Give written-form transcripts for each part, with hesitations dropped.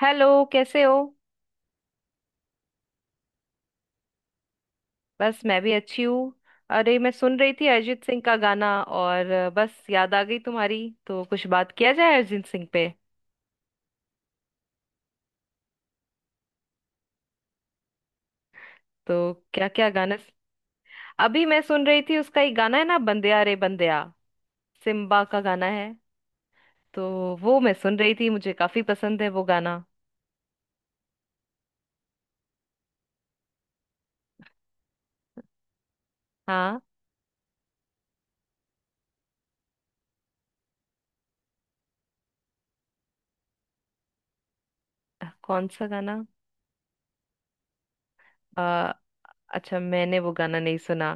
Hello. कैसे हो। बस मैं भी अच्छी हूँ। अरे मैं सुन रही थी अरिजीत सिंह का गाना, और बस याद आ गई तुम्हारी। तो कुछ बात किया जाए अरिजीत सिंह पे। तो क्या क्या गाना। अभी मैं सुन रही थी, उसका एक गाना है ना, बंदिया रे बंदिया। सिम्बा का गाना है। तो वो मैं सुन रही थी, मुझे काफी पसंद है वो गाना। हाँ। कौन सा गाना। आ, अच्छा, मैंने वो गाना नहीं सुना।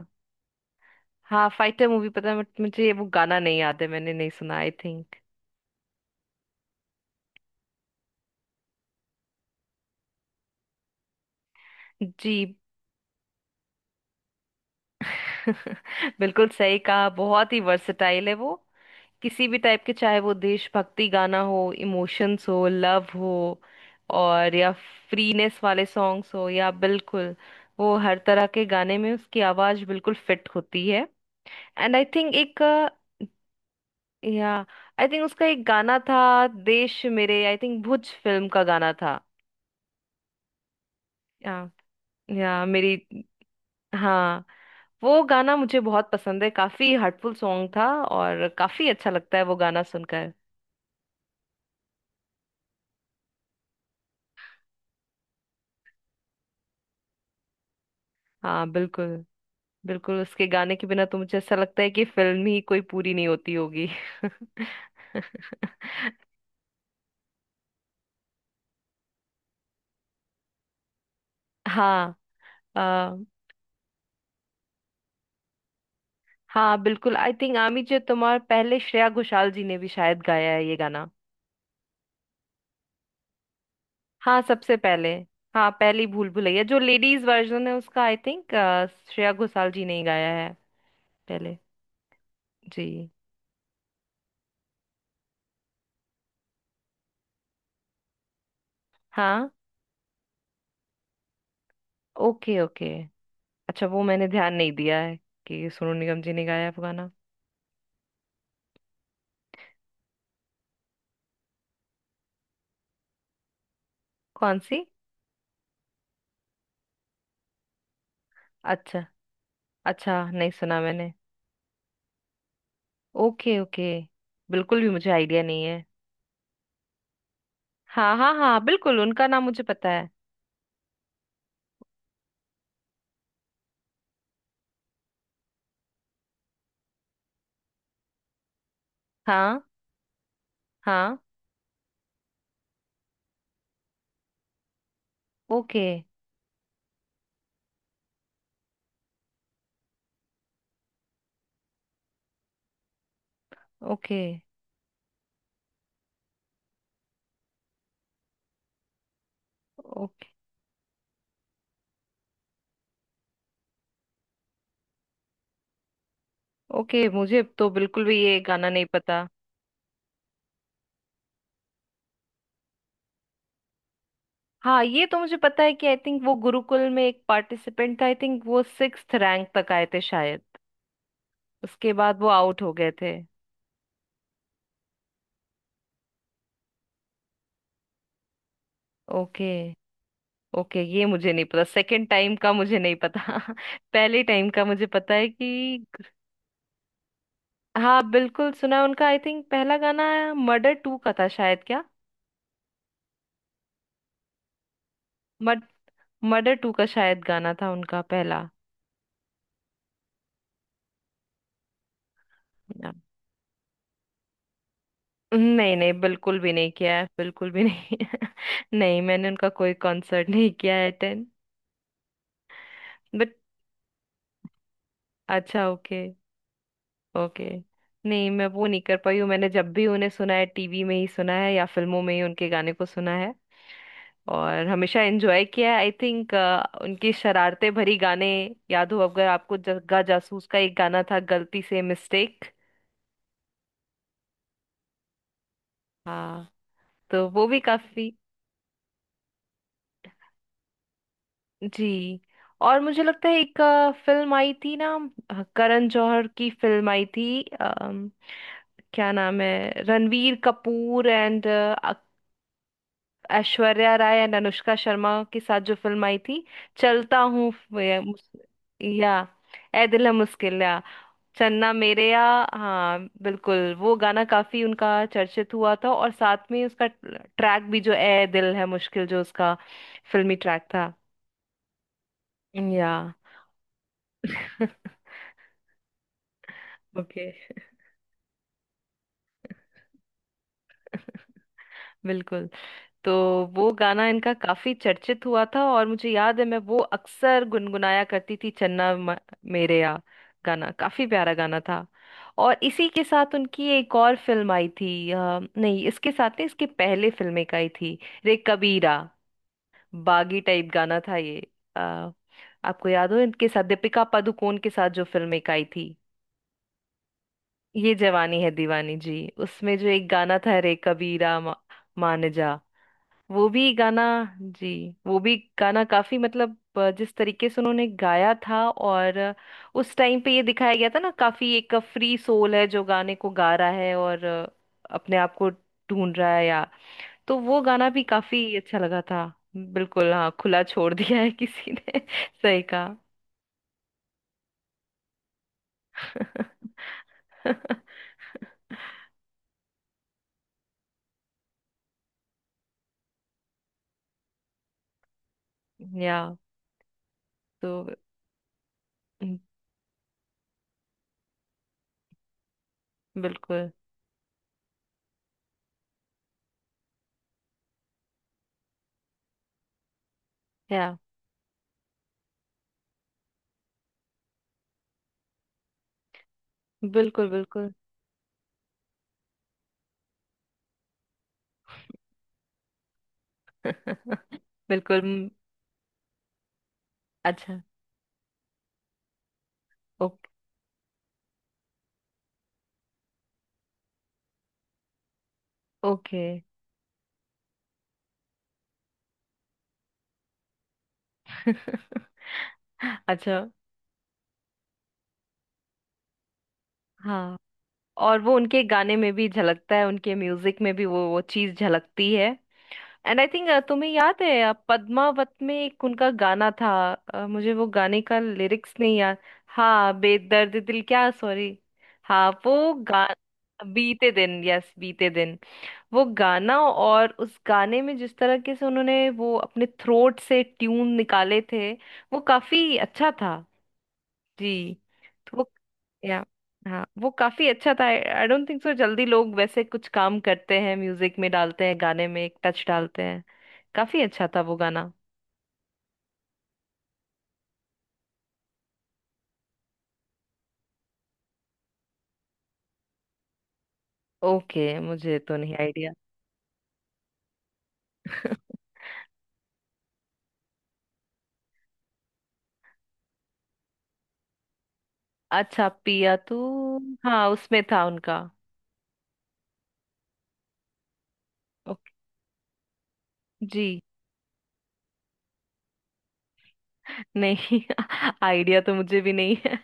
हाँ फाइटर मूवी पता है, but मुझे वो गाना नहीं याद है, मैंने नहीं सुना आई थिंक। जी। बिल्कुल सही कहा, बहुत ही वर्सेटाइल है वो। किसी भी टाइप के, चाहे वो देशभक्ति गाना हो, इमोशंस हो, लव हो, और या फ्रीनेस वाले सॉन्ग्स हो, या बिल्कुल, वो हर तरह के गाने में उसकी आवाज बिल्कुल फिट होती है। एंड आई थिंक एक, या आई थिंक उसका एक गाना था देश मेरे, आई थिंक भुज फिल्म का गाना था। या। या मेरी। हाँ। वो गाना मुझे बहुत पसंद है, काफी हार्टफुल सॉन्ग था, और काफी अच्छा लगता है वो गाना सुनकर। हाँ बिल्कुल। बिल्कुल उसके गाने के बिना तो मुझे ऐसा लगता है कि फिल्म ही कोई पूरी नहीं होती होगी। हाँ। आ, हाँ बिल्कुल आई थिंक आमी जो तुम्हार, पहले श्रेया घोषाल जी ने भी शायद गाया है ये गाना। हाँ सबसे पहले। हाँ, पहली भूल भुलैया जो लेडीज वर्जन है उसका, आई थिंक श्रेया घोषाल जी ने ही गाया है पहले। जी। हाँ। Okay, okay. अच्छा, वो मैंने ध्यान नहीं दिया है कि सोनू निगम जी ने गाया है वो गाना। कौन सी। अच्छा। अच्छा नहीं सुना मैंने। Okay, okay. बिल्कुल भी मुझे आइडिया नहीं है। हाँ, हाँ, हाँ, बिल्कुल उनका नाम मुझे पता है। हाँ। हाँ। Okay, okay. ओके, ओके, मुझे तो बिल्कुल भी ये गाना नहीं पता। हाँ, ये तो मुझे पता है कि आई थिंक वो गुरुकुल में एक पार्टिसिपेंट था, आई थिंक वो सिक्स्थ रैंक तक आए थे शायद। उसके बाद वो आउट हो गए थे। ओके। ओके, ये मुझे नहीं पता, सेकंड टाइम का मुझे नहीं पता। पहले टाइम का मुझे पता है कि हाँ बिल्कुल सुना है उनका, आई थिंक पहला गाना मर्डर टू का था शायद, क्या? मर्ड मर्डर टू का शायद गाना था उनका पहला। या- नहीं नहीं, बिल्कुल भी नहीं किया है, बिल्कुल भी नहीं। नहीं, मैंने उनका कोई कॉन्सर्ट नहीं किया है अटेंड। बट अच्छा। ओके। ओके, नहीं मैं वो नहीं कर पाई हूँ, मैंने जब भी उन्हें सुना है टीवी में ही सुना है, या फिल्मों में ही उनके गाने को सुना है। और हमेशा एंजॉय किया है आई थिंक। उनकी शरारते भरी गाने याद हो अगर आपको, जग्गा जासूस का एक गाना था गलती से मिस्टेक। हाँ। तो वो भी काफी। जी। और मुझे लगता है एक फिल्म आई थी ना, करण जौहर की फिल्म आई थी, क्या नाम है, रणवीर कपूर एंड ऐश्वर्या राय एंड अनुष्का शर्मा के साथ जो फिल्म आई थी, चलता हूँ। या। या, ऐ दिल है मुश्किल, चन्ना मेरेया। हाँ बिल्कुल, वो गाना काफी उनका चर्चित हुआ था, और साथ में उसका ट्रैक भी जो ए दिल है मुश्किल जो उसका फिल्मी ट्रैक था। या। ओके। बिल्कुल। तो वो गाना इनका काफी चर्चित हुआ था, और मुझे याद है मैं वो अक्सर गुनगुनाया करती थी, चन्ना मेरेया। गाना काफी प्यारा गाना था। और इसी के साथ उनकी एक और फिल्म आई थी, नहीं इसके साथ नहीं, इसके पहले फिल्म एक आई थी, रे कबीरा, बागी टाइप गाना था ये। आ, आपको याद हो, इनके साथ दीपिका पादुकोण के साथ जो फिल्म एक आई थी, ये जवानी है दीवानी। जी। उसमें जो एक गाना था रे कबीरा, मान जा, वो भी गाना। जी। वो भी गाना काफी, मतलब जिस तरीके से उन्होंने गाया था, और उस टाइम पे ये दिखाया गया था ना, काफी एक फ्री सोल है जो गाने को गा रहा है, और अपने आप को ढूंढ रहा है, या तो वो गाना भी काफी अच्छा लगा था। बिल्कुल हाँ, खुला छोड़ दिया है किसी ने। सही कहा। या। तो हम्म, बिल्कुल। या। बिल्कुल। बिल्कुल। बिल्कुल। अच्छा। Okay, okay. अच्छा। हाँ, और वो उनके गाने में भी झलकता है, उनके म्यूजिक में भी वो चीज झलकती है। एंड आई थिंक तुम्हें याद है, पद्मावत में एक उनका गाना था, मुझे वो गाने का लिरिक्स नहीं याद। हाँ बेदर्द दिल, क्या? सॉरी। हाँ वो गा। बीते दिन, यस बीते दिन, वो गाना, और उस गाने में जिस तरह के से उन्होंने वो अपने थ्रोट से ट्यून निकाले थे, वो काफी अच्छा था। जी। तो वो। या। हाँ, वो काफी अच्छा था। आई डोंट थिंक सो जल्दी लोग वैसे कुछ काम करते हैं, म्यूजिक में डालते हैं, गाने में एक टच डालते हैं। काफी अच्छा था वो गाना। ओके, मुझे तो नहीं आइडिया। अच्छा, पिया तू। हाँ, उसमें था उनका। ओके। जी। नहीं, आइडिया तो मुझे भी नहीं है।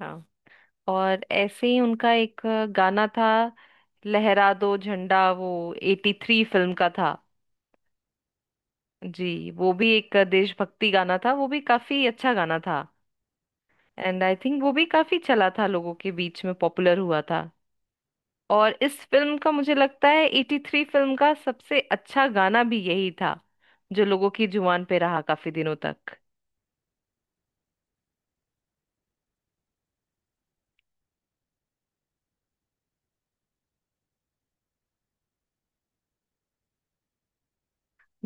हाँ। और ऐसे ही उनका एक गाना था लहरा दो झंडा, वो 83 फिल्म का था। जी, वो भी एक देशभक्ति गाना था, वो भी काफी अच्छा गाना था। एंड आई थिंक वो भी काफी चला था, लोगों के बीच में पॉपुलर हुआ था। और इस फिल्म का मुझे लगता है 83 फिल्म का सबसे अच्छा गाना भी यही था, जो लोगों की जुबान पे रहा काफी दिनों तक।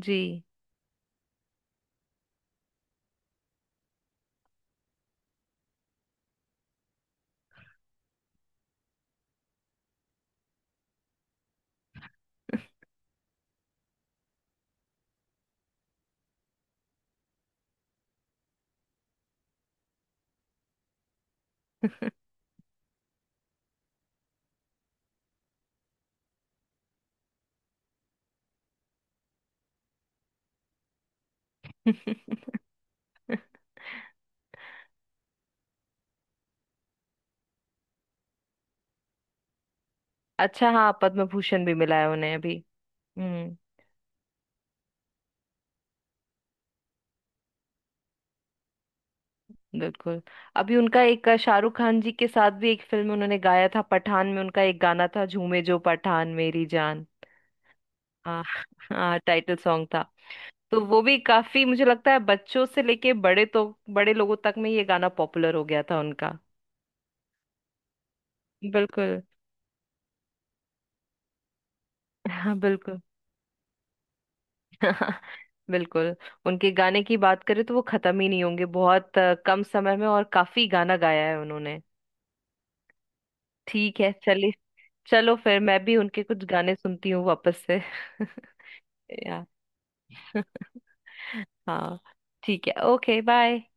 जी। अच्छा हाँ, पद्म भूषण भी मिला है उन्हें अभी। हम्म। बिल्कुल। अभी उनका एक, शाहरुख खान जी के साथ भी एक फिल्म में उन्होंने गाया था, पठान में उनका एक गाना था, झूमे जो पठान मेरी जान। हाँ हाँ टाइटल सॉन्ग था। तो वो भी काफी, मुझे लगता है बच्चों से लेके बड़े तो बड़े लोगों तक में ये गाना पॉपुलर हो गया था उनका। बिल्कुल। हाँ बिल्कुल। बिल्कुल। उनके गाने की बात करें तो वो खत्म ही नहीं होंगे, बहुत कम समय में और काफी गाना गाया है उन्होंने। ठीक है, चलिए। चलो फिर मैं भी उनके कुछ गाने सुनती हूँ वापस से। यार हाँ। ठीक है, ओके बाय।